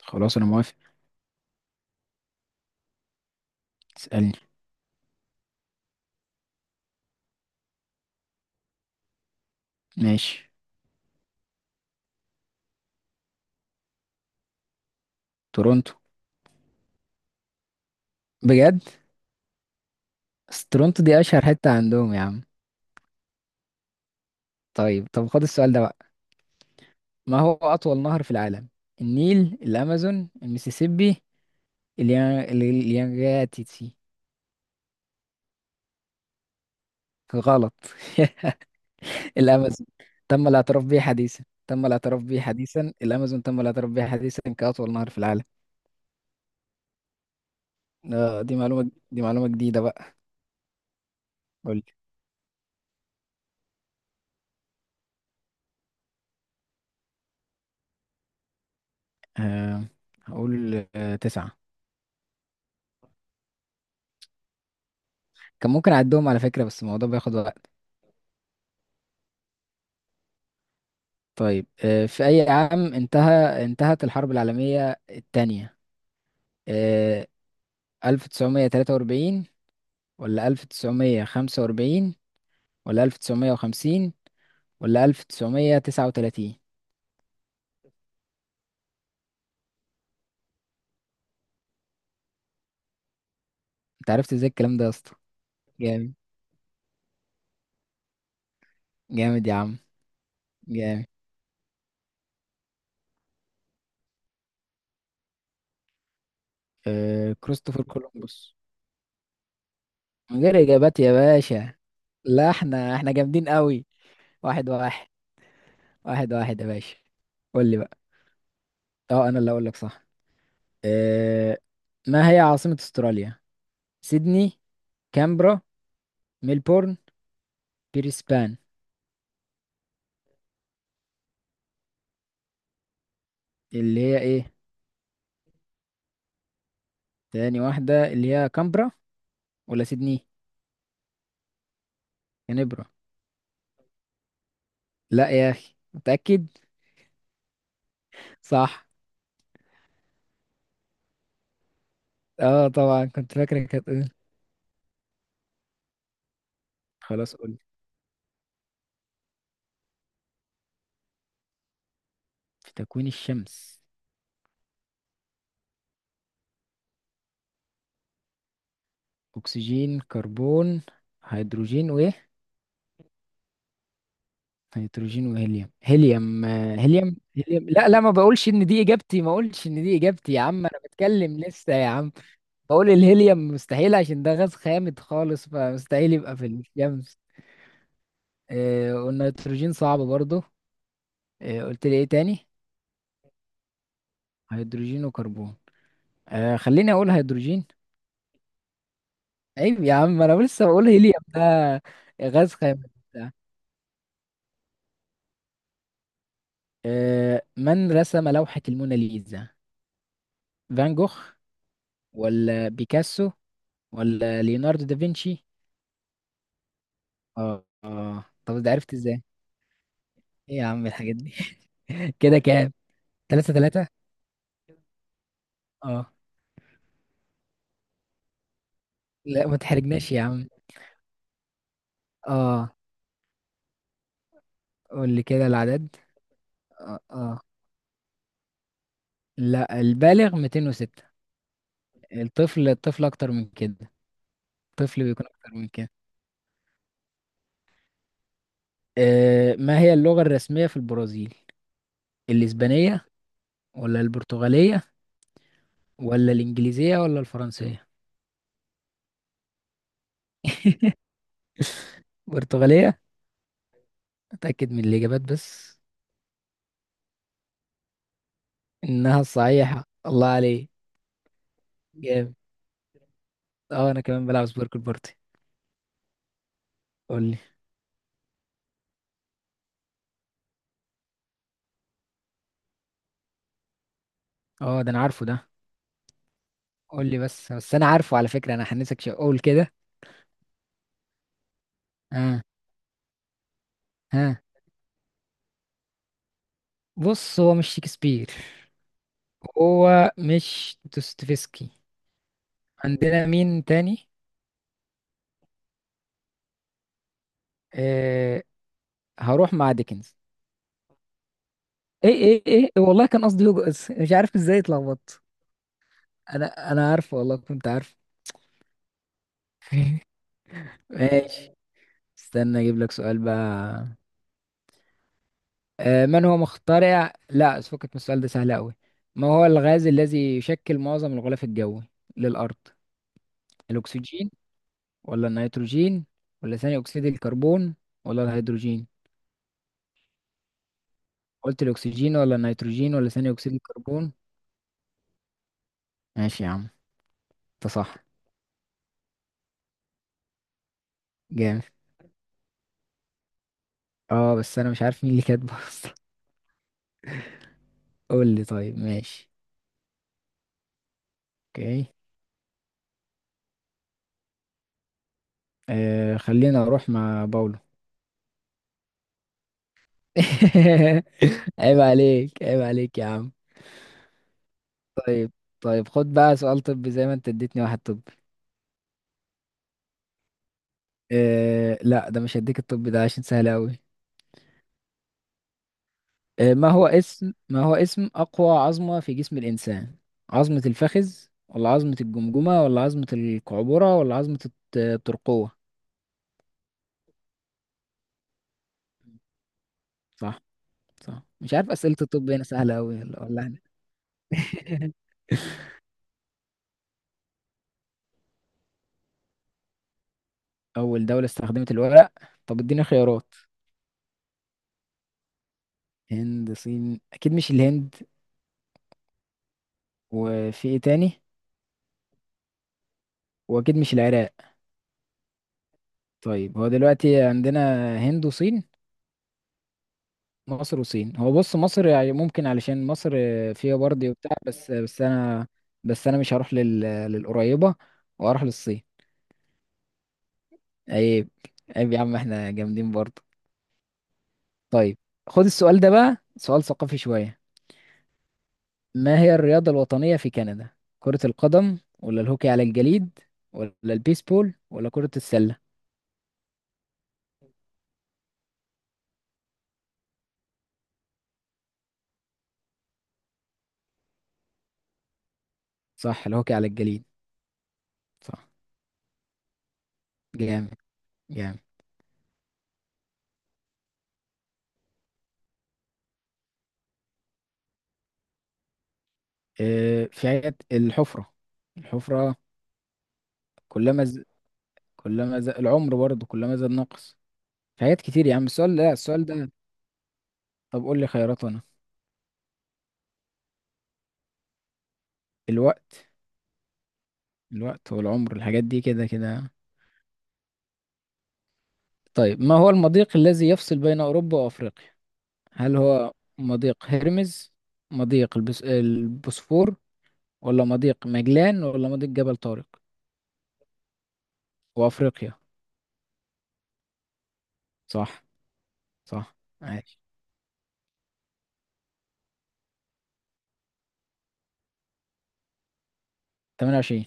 خلاص انا موافق. اسألني. ماشي. تورونتو. بجد؟ بس تورونتو دي اشهر حتة عندهم يا عم. طيب، طب خد السؤال ده بقى. ما هو اطول نهر في العالم؟ النيل، الامازون، المسيسيبي، اليانجاتيسي؟ غلط. الامازون تم الاعتراف به حديثا تم الاعتراف به حديثا الامازون تم الاعتراف به حديثا كاطول نهر في العالم. آه، دي معلومة جديدة بقى. قول. آه هقول تسعة. كان ممكن اعدهم على فكرة، بس الموضوع بياخد وقت. طيب، في أي عام انتهت الحرب العالمية الثانية؟ 1943 ولا 1945 ولا 1950 ولا 1939؟ انت عرفت ازاي الكلام ده يا اسطى؟ جامد، جامد يا عم، جامد. كريستوفر كولومبوس. من غير إجابات يا باشا. لا احنا جامدين قوي. واحد واحد، واحد واحد يا باشا. قول لي بقى. اه، انا اللي اقول لك صح. آه، ما هي عاصمة استراليا؟ سيدني، كامبرا، ميلبورن، بريسبان؟ اللي هي ايه؟ تاني واحدة اللي هي كامبرا، ولا سيدني؟ كانبرا. لا يا اخي، متأكد. صح. اه طبعا، كنت فاكرك هتقول. خلاص قول. في تكوين الشمس؟ اكسجين، كربون، هيدروجين وايه؟ هيدروجين وهيليوم، هيليوم، هيليوم، هيليوم، لا لا، ما بقولش ان دي اجابتي ما اقولش ان دي اجابتي يا عم، انا بتكلم لسه يا عم. بقول الهيليوم مستحيل عشان ده غاز خامد خالص، فمستحيل يبقى في الشمس. والنيتروجين صعب برضو. قلت لي ايه تاني؟ هيدروجين وكربون خليني اقول هيدروجين. عيب يا عم، انا لسه بقول هيليوم ده غاز خام. من رسم لوحة الموناليزا؟ فان جوخ، ولا بيكاسو، ولا ليوناردو دافنشي؟ اه اه، طب ده عرفت ازاي؟ ايه يا عم الحاجات دي؟ كده كام؟ تلاتة تلاتة. اه. لا ما تحرجناش يا عم. اه قول لي كده العدد. اه, آه. لا، البالغ 206. الطفل، الطفل أكتر من كده. الطفل بيكون أكتر من كده. ما هي اللغة الرسمية في البرازيل؟ الإسبانية، ولا البرتغالية، ولا الإنجليزية، ولا الفرنسية؟ برتغالية. أتأكد من الإجابات بس. إنها الصحيحة، الله عليك. جامد. أنا كمان بلعب سبورك بارتي. قول لي. ده أنا عارفه ده. قول لي بس أنا عارفه على فكرة، أنا حنسك شيء أقول كده. ها. ها. بص هو مش شكسبير. هو مش دوستويفسكي. عندنا مين تاني؟ آه هروح مع ديكنز. ايه ايه ايه إيه، والله كان قصدي هوجو، بس مش عارف ازاي اتلخبطت. انا عارف، والله كنت عارف. ماشي. استنى اجيب لك سؤال بقى. من هو مخترع، لا، فكك من السؤال ده سهل قوي. ما هو الغاز الذي يشكل معظم الغلاف الجوي للارض؟ الاكسجين، ولا النيتروجين، ولا ثاني اكسيد الكربون، ولا الهيدروجين؟ قلت الاكسجين، ولا النيتروجين، ولا ثاني اكسيد الكربون. ماشي يا عم. انت صح. جامد. اه بس انا مش عارف مين اللي كاتبه. قول لي طيب ماشي. اوكي. خلينا اروح مع باولو. عيب عليك، عيب عليك يا عم. طيب. طيب خد بقى سؤال طبي زي ما انت اديتني واحد طبي. لا ده مش هديك الطبي ده عشان سهل قوي. ما هو اسم اقوى عظمة في جسم الانسان؟ عظمة الفخذ، ولا عظمة الجمجمة، ولا عظمة القعبرة، ولا عظمة الترقوة؟ صح. صح. مش عارف اسئلة الطب هنا سهلة قوي ولا؟ احنا. أول دولة استخدمت الورق؟ طب اديني خيارات. هند، الصين؟ أكيد مش الهند. وفي إيه تاني؟ وأكيد مش العراق. طيب هو دلوقتي عندنا هند وصين. مصر وصين. هو بص، مصر يعني ممكن علشان مصر فيها برضه وبتاع، بس أنا مش هروح للقريبة وأروح للصين. عيب. عيب يا عم احنا جامدين برضه. طيب، خد السؤال ده بقى سؤال ثقافي شوية. ما هي الرياضة الوطنية في كندا؟ كرة القدم، ولا الهوكي على الجليد، ولا البيسبول، ولا كرة السلة؟ صح، الهوكي على الجليد. صح. جامد. جامد. في عيادة الحفرة. كلما ز... العمر برضه كلما زاد نقص. في حاجات كتير يا عم، السؤال ده. طب قول لي خيارات أنا. الوقت. الوقت والعمر، الحاجات دي كده كده. طيب، ما هو المضيق الذي يفصل بين أوروبا وأفريقيا؟ هل هو مضيق هرمز، مضيق البوسفور، ولا مضيق مجلان، ولا مضيق جبل طارق؟ وافريقيا. صح. صح. ماشي. 28.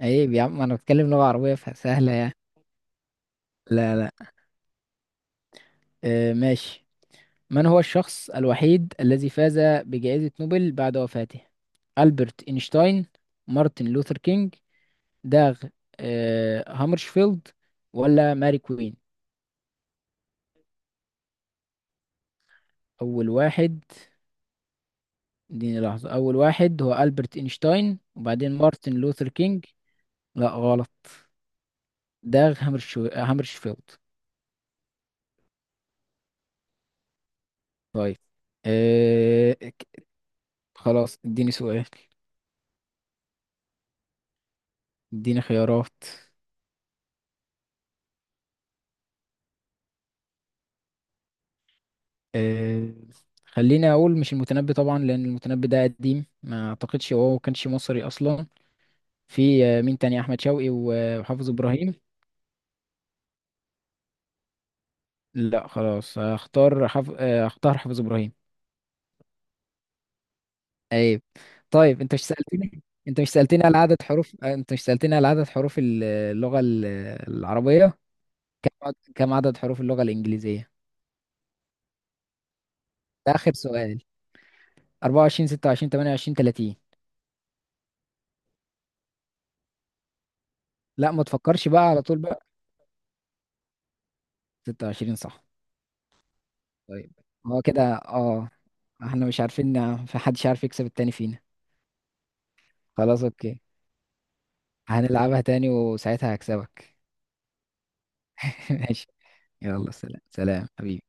عيب يا عم، انا بتكلم لغة عربية فسهلة يعني. لا لا، ماشي. من هو الشخص الوحيد الذي فاز بجائزة نوبل بعد وفاته؟ ألبرت إينشتاين، مارتن لوثر كينج، داغ هامرشفيلد، ولا ماري كوين؟ أول واحد. اديني لحظة، أول واحد هو ألبرت إينشتاين وبعدين مارتن لوثر كينج. لا، غلط. داغ هامرشفيلد. طيب آه ك- خلاص اديني سؤال. اديني خيارات. آه خليني اقول مش المتنبي طبعا، لان المتنبي ده قديم ما اعتقدش هو كانش مصري اصلا. في مين تاني، احمد شوقي وحافظ ابراهيم. لا خلاص، هختار حف... آه، هختار حافظ ابراهيم. ايوه. طيب انت مش سألتني على عدد حروف اللغة العربية. كم عدد حروف اللغة الإنجليزية؟ ده آخر سؤال. 24، 26، 28، 30؟ لا ما تفكرش بقى على طول بقى. 26 صح. طيب. هو كده اه. احنا مش عارفين في حدش عارف يكسب التاني فينا. خلاص اوكي. هنلعبها تاني وساعتها هكسبك. ماشي. يلا سلام سلام حبيبي.